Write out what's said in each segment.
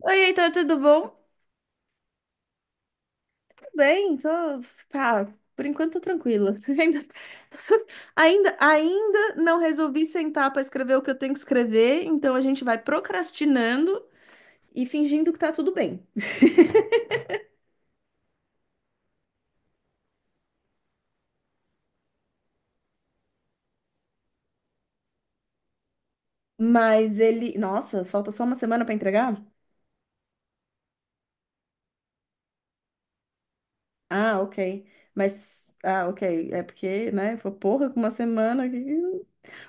Oi, Heitor, tudo bom? Tudo bem, tô, pá, por enquanto tô tranquila. Ainda não resolvi sentar para escrever o que eu tenho que escrever, então a gente vai procrastinando e fingindo que tá tudo bem. Mas ele, nossa, falta só uma semana para entregar? Ah, ok. Mas, ah, ok. É porque, né? Foi porra, com uma semana aqui.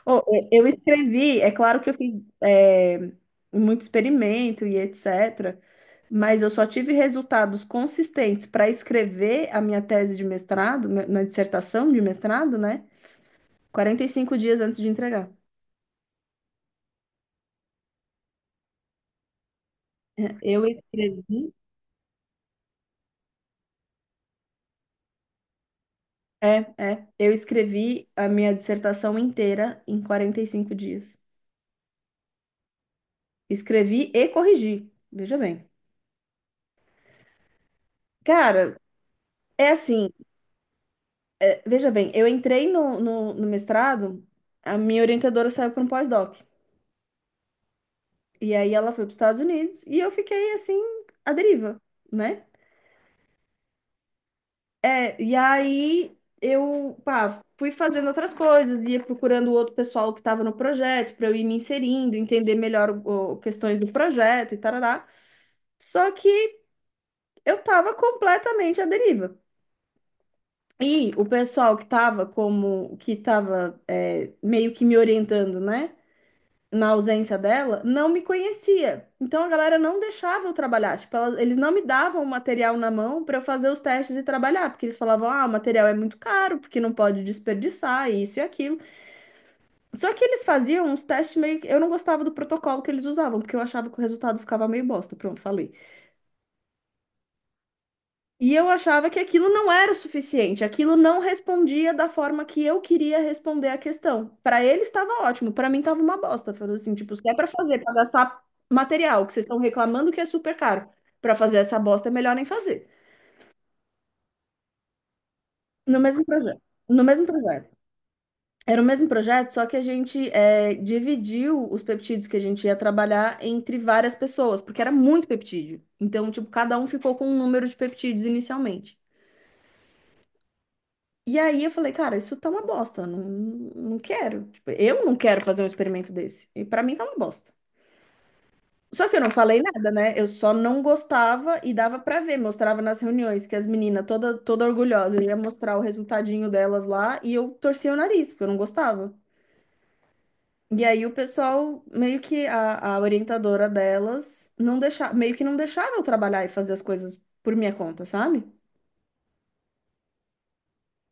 Oh, eu escrevi, é claro que eu fiz muito experimento e etc., mas eu só tive resultados consistentes para escrever a minha tese de mestrado, na dissertação de mestrado, né? 45 dias antes de entregar. É, eu escrevi. É, é, eu escrevi a minha dissertação inteira em 45 dias. Escrevi e corrigi, veja bem. Cara, é assim. Veja bem, eu entrei no mestrado, a minha orientadora saiu para um pós-doc. E aí ela foi para os Estados Unidos e eu fiquei assim, à deriva, né? É, e aí eu, pá, fui fazendo outras coisas, ia procurando outro pessoal que estava no projeto para eu ir me inserindo, entender melhor questões do projeto e tarará. Só que eu estava completamente à deriva. E o pessoal que estava como, que estava meio que me orientando, né? Na ausência dela, não me conhecia. Então a galera não deixava eu trabalhar. Tipo, eles não me davam o material na mão para eu fazer os testes e trabalhar, porque eles falavam, ah, o material é muito caro, porque não pode desperdiçar, isso e aquilo. Só que eles faziam uns testes meio que. Eu não gostava do protocolo que eles usavam, porque eu achava que o resultado ficava meio bosta. Pronto, falei. E eu achava que aquilo não era o suficiente, aquilo não respondia da forma que eu queria responder a questão. Para ele estava ótimo, para mim estava uma bosta. Falou assim, tipo, se é para fazer, para gastar material, que vocês estão reclamando que é super caro, para fazer essa bosta é melhor nem fazer. No mesmo projeto, no mesmo projeto. Era o mesmo projeto, só que a gente dividiu os peptídeos que a gente ia trabalhar entre várias pessoas, porque era muito peptídeo. Então, tipo, cada um ficou com um número de peptídeos inicialmente. E aí eu falei, cara, isso tá uma bosta, não, não quero. Tipo, eu não quero fazer um experimento desse. E pra mim tá uma bosta. Só que eu não falei nada, né? Eu só não gostava e dava pra ver, mostrava nas reuniões que as meninas toda toda orgulhosa ia mostrar o resultadinho delas lá e eu torcia o nariz, porque eu não gostava. E aí o pessoal meio que a orientadora delas não deixava, meio que não deixava eu trabalhar e fazer as coisas por minha conta, sabe?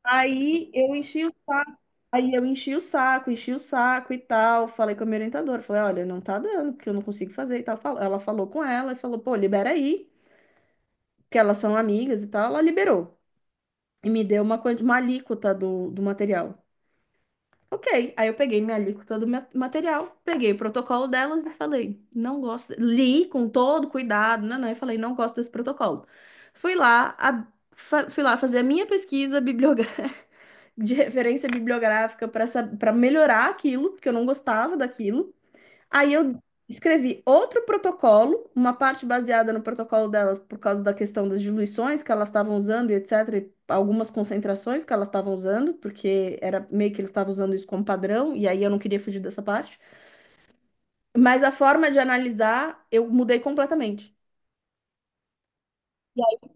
Aí eu enchi o saco, aí eu enchi o saco e tal. Falei com a minha orientadora, falei, olha, não tá dando, porque eu não consigo fazer e tal. Ela falou com ela e falou, pô, libera aí, que elas são amigas e tal. Ela liberou e me deu uma, uma alíquota do material. Ok, aí eu peguei minha alíquota do material, peguei o protocolo delas e falei, não gosto, li com todo cuidado, né, e falei, não gosto desse protocolo. Fui lá, fui lá fazer a minha pesquisa bibliográfica de referência bibliográfica para para melhorar aquilo, porque eu não gostava daquilo. Aí eu escrevi outro protocolo, uma parte baseada no protocolo delas por causa da questão das diluições que elas estavam usando e etc, e algumas concentrações que elas estavam usando, porque era meio que eles estavam usando isso como padrão, e aí eu não queria fugir dessa parte. Mas a forma de analisar eu mudei completamente. E aí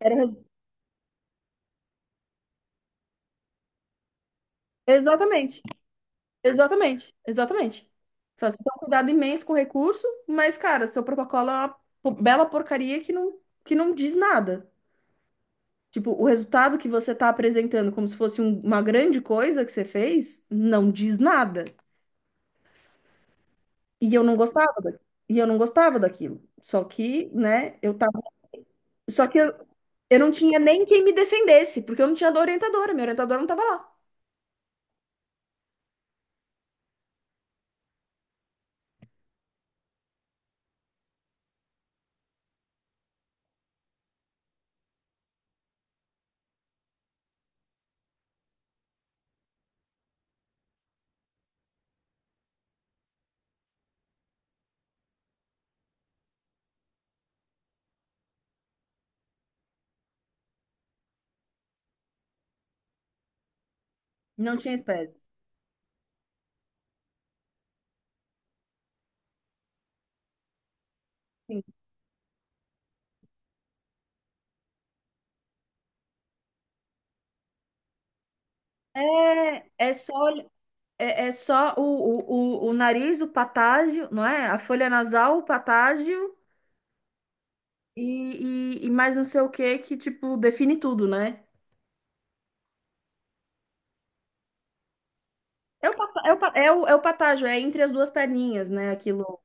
era exatamente. Exatamente, exatamente. Então, você tem um cuidado imenso com o recurso, mas, cara, seu protocolo é uma bela porcaria que não diz nada. Tipo, o resultado que você está apresentando como se fosse uma grande coisa que você fez, não diz nada. E eu não gostava e eu não gostava daquilo. Só que, né, eu tava, só que eu, não tinha nem quem me defendesse, porque eu não tinha orientadora, minha orientadora não estava lá. Não tinha espécie. É, é só. É, é só o nariz, o patágio, não é? A folha nasal, o patágio e mais não sei o que que, tipo, define tudo, né? É o, é o patágio, é entre as duas perninhas, né? Aquilo.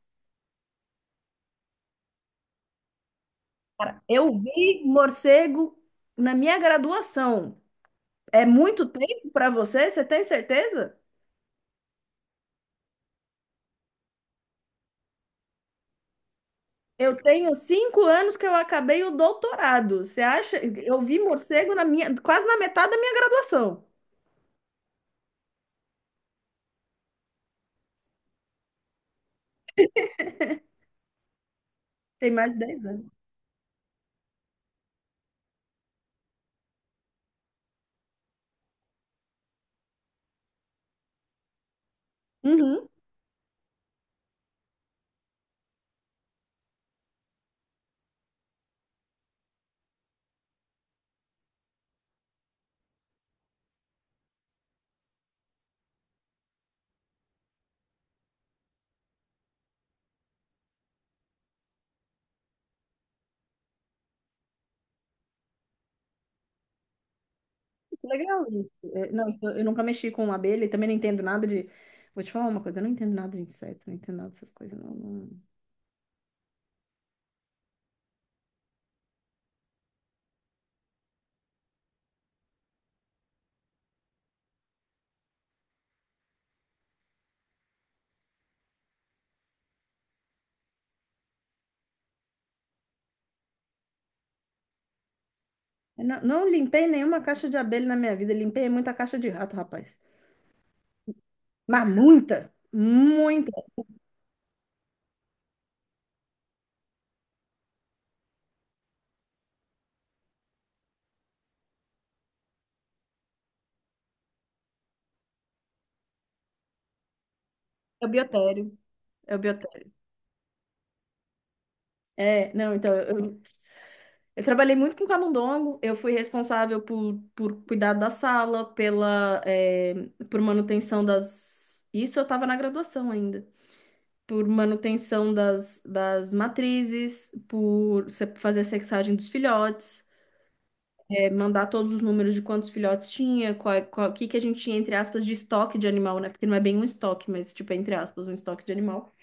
Cara, eu vi morcego na minha graduação. É muito tempo para você? Você tem certeza? Eu tenho 5 anos que eu acabei o doutorado. Você acha? Eu vi morcego na minha, quase na metade da minha graduação. Tem mais de 10 anos. Uhum. Legal isso. É, não, eu nunca mexi com abelha e também não entendo nada de. Vou te falar uma coisa, eu não entendo nada de inseto, não entendo nada dessas coisas. Não, não, eu não, não limpei nenhuma caixa de abelha na minha vida, limpei muita caixa de rato, rapaz. Mas muita, muita. É o biotério. É o biotério. É, não, então, eu trabalhei muito com camundongo, eu fui responsável por cuidar da sala, pela, é, por manutenção das. Isso eu estava na graduação ainda. Por manutenção das matrizes, por fazer a sexagem dos filhotes, é, mandar todos os números de quantos filhotes tinha, qual, o que que a gente tinha, entre aspas, de estoque de animal, né? Porque não é bem um estoque, mas, tipo, é, entre aspas, um estoque de animal.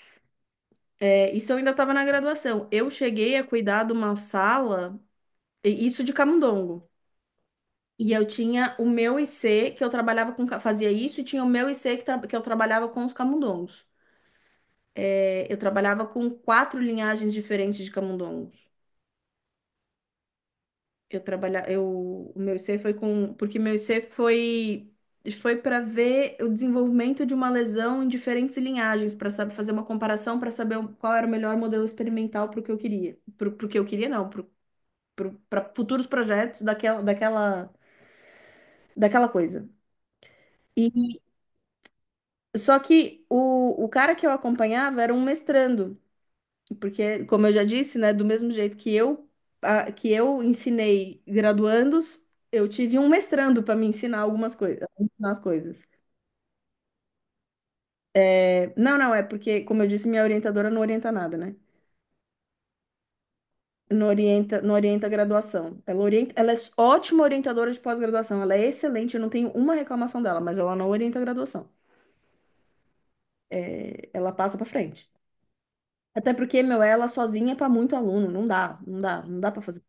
É, isso eu ainda estava na graduação. Eu cheguei a cuidar de uma sala, isso de camundongo. E eu tinha o meu IC, que eu trabalhava com, fazia isso, e tinha o meu IC que, que eu trabalhava com os camundongos. É, eu trabalhava com quatro linhagens diferentes de camundongos. Eu trabalha, eu, o meu I C foi com, porque meu I C foi para ver o desenvolvimento de uma lesão em diferentes linhagens, para saber fazer uma comparação, para saber qual era o melhor modelo experimental para o que eu queria, para o que eu queria não, para futuros projetos daquela daquela daquela coisa. E só que o cara que eu acompanhava era um mestrando. Porque, como eu já disse, né, do mesmo jeito que eu, que eu ensinei graduandos, eu tive um mestrando para me ensinar algumas coisas, ensinar as coisas. É, não, não, é porque, como eu disse, minha orientadora não orienta nada, né? Não orienta, não orienta a graduação. Ela orienta, ela é ótima orientadora de pós-graduação, ela é excelente, eu não tenho uma reclamação dela, mas ela não orienta a graduação. É, ela passa para frente. Até porque, meu, ela sozinha é para muito aluno, não dá, não dá, não dá para fazer.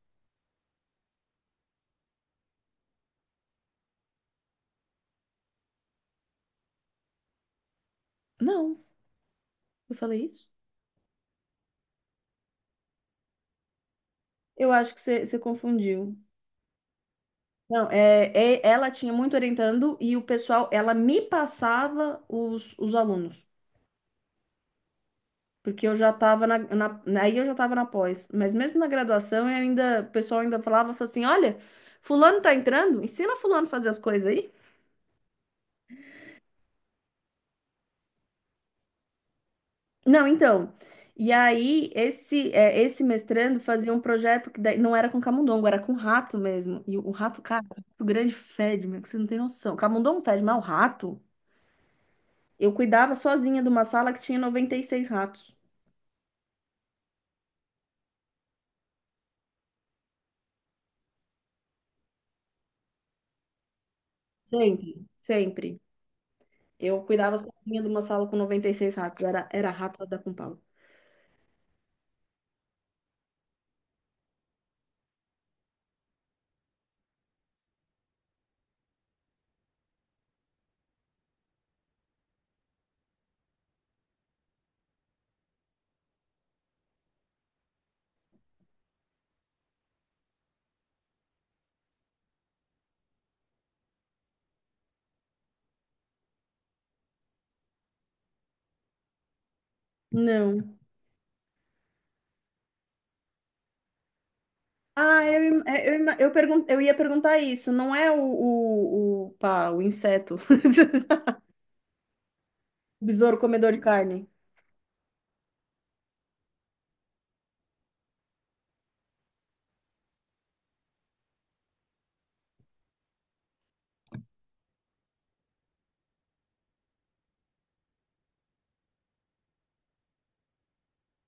Não, eu falei isso? Eu acho que você confundiu. Não, é, ela tinha muito orientando e o pessoal, ela me passava os alunos, porque eu já estava aí eu já estava na pós, mas mesmo na graduação eu ainda, o pessoal ainda falava assim, olha, fulano tá entrando, ensina fulano a fazer as coisas aí. Não, então, e aí esse é, esse mestrando fazia um projeto que daí não era com camundongo, era com rato mesmo, e o rato, cara, o grande fede, meu, que você não tem noção, camundongo fede, mas o rato... Eu cuidava sozinha de uma sala que tinha 96 ratos. Sempre, sempre. Eu cuidava sozinha de uma sala com 96 ratos. Era, era rato da com pau. Não. Ah, eu, é, eu, eu, pergun eu ia perguntar isso. Não é o, pá, o inseto. O besouro comedor de carne.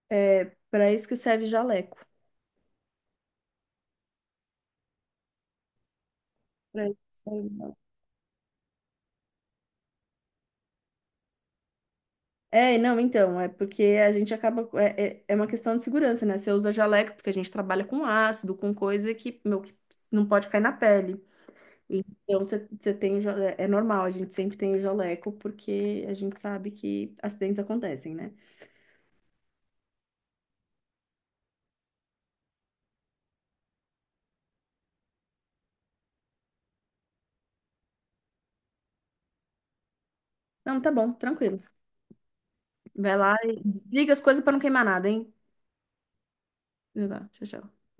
É para isso que serve jaleco. Pra isso que serve jaleco. É, não, então, é porque a gente acaba. É, é, uma questão de segurança, né? Você usa jaleco porque a gente trabalha com ácido, com coisa que, meu, que não pode cair na pele. Então, você é normal, a gente sempre tem o jaleco, porque a gente sabe que acidentes acontecem, né? Não, tá bom, tranquilo. Vai lá e desliga as coisas pra não queimar nada, hein? Vai lá, tchau, tchau.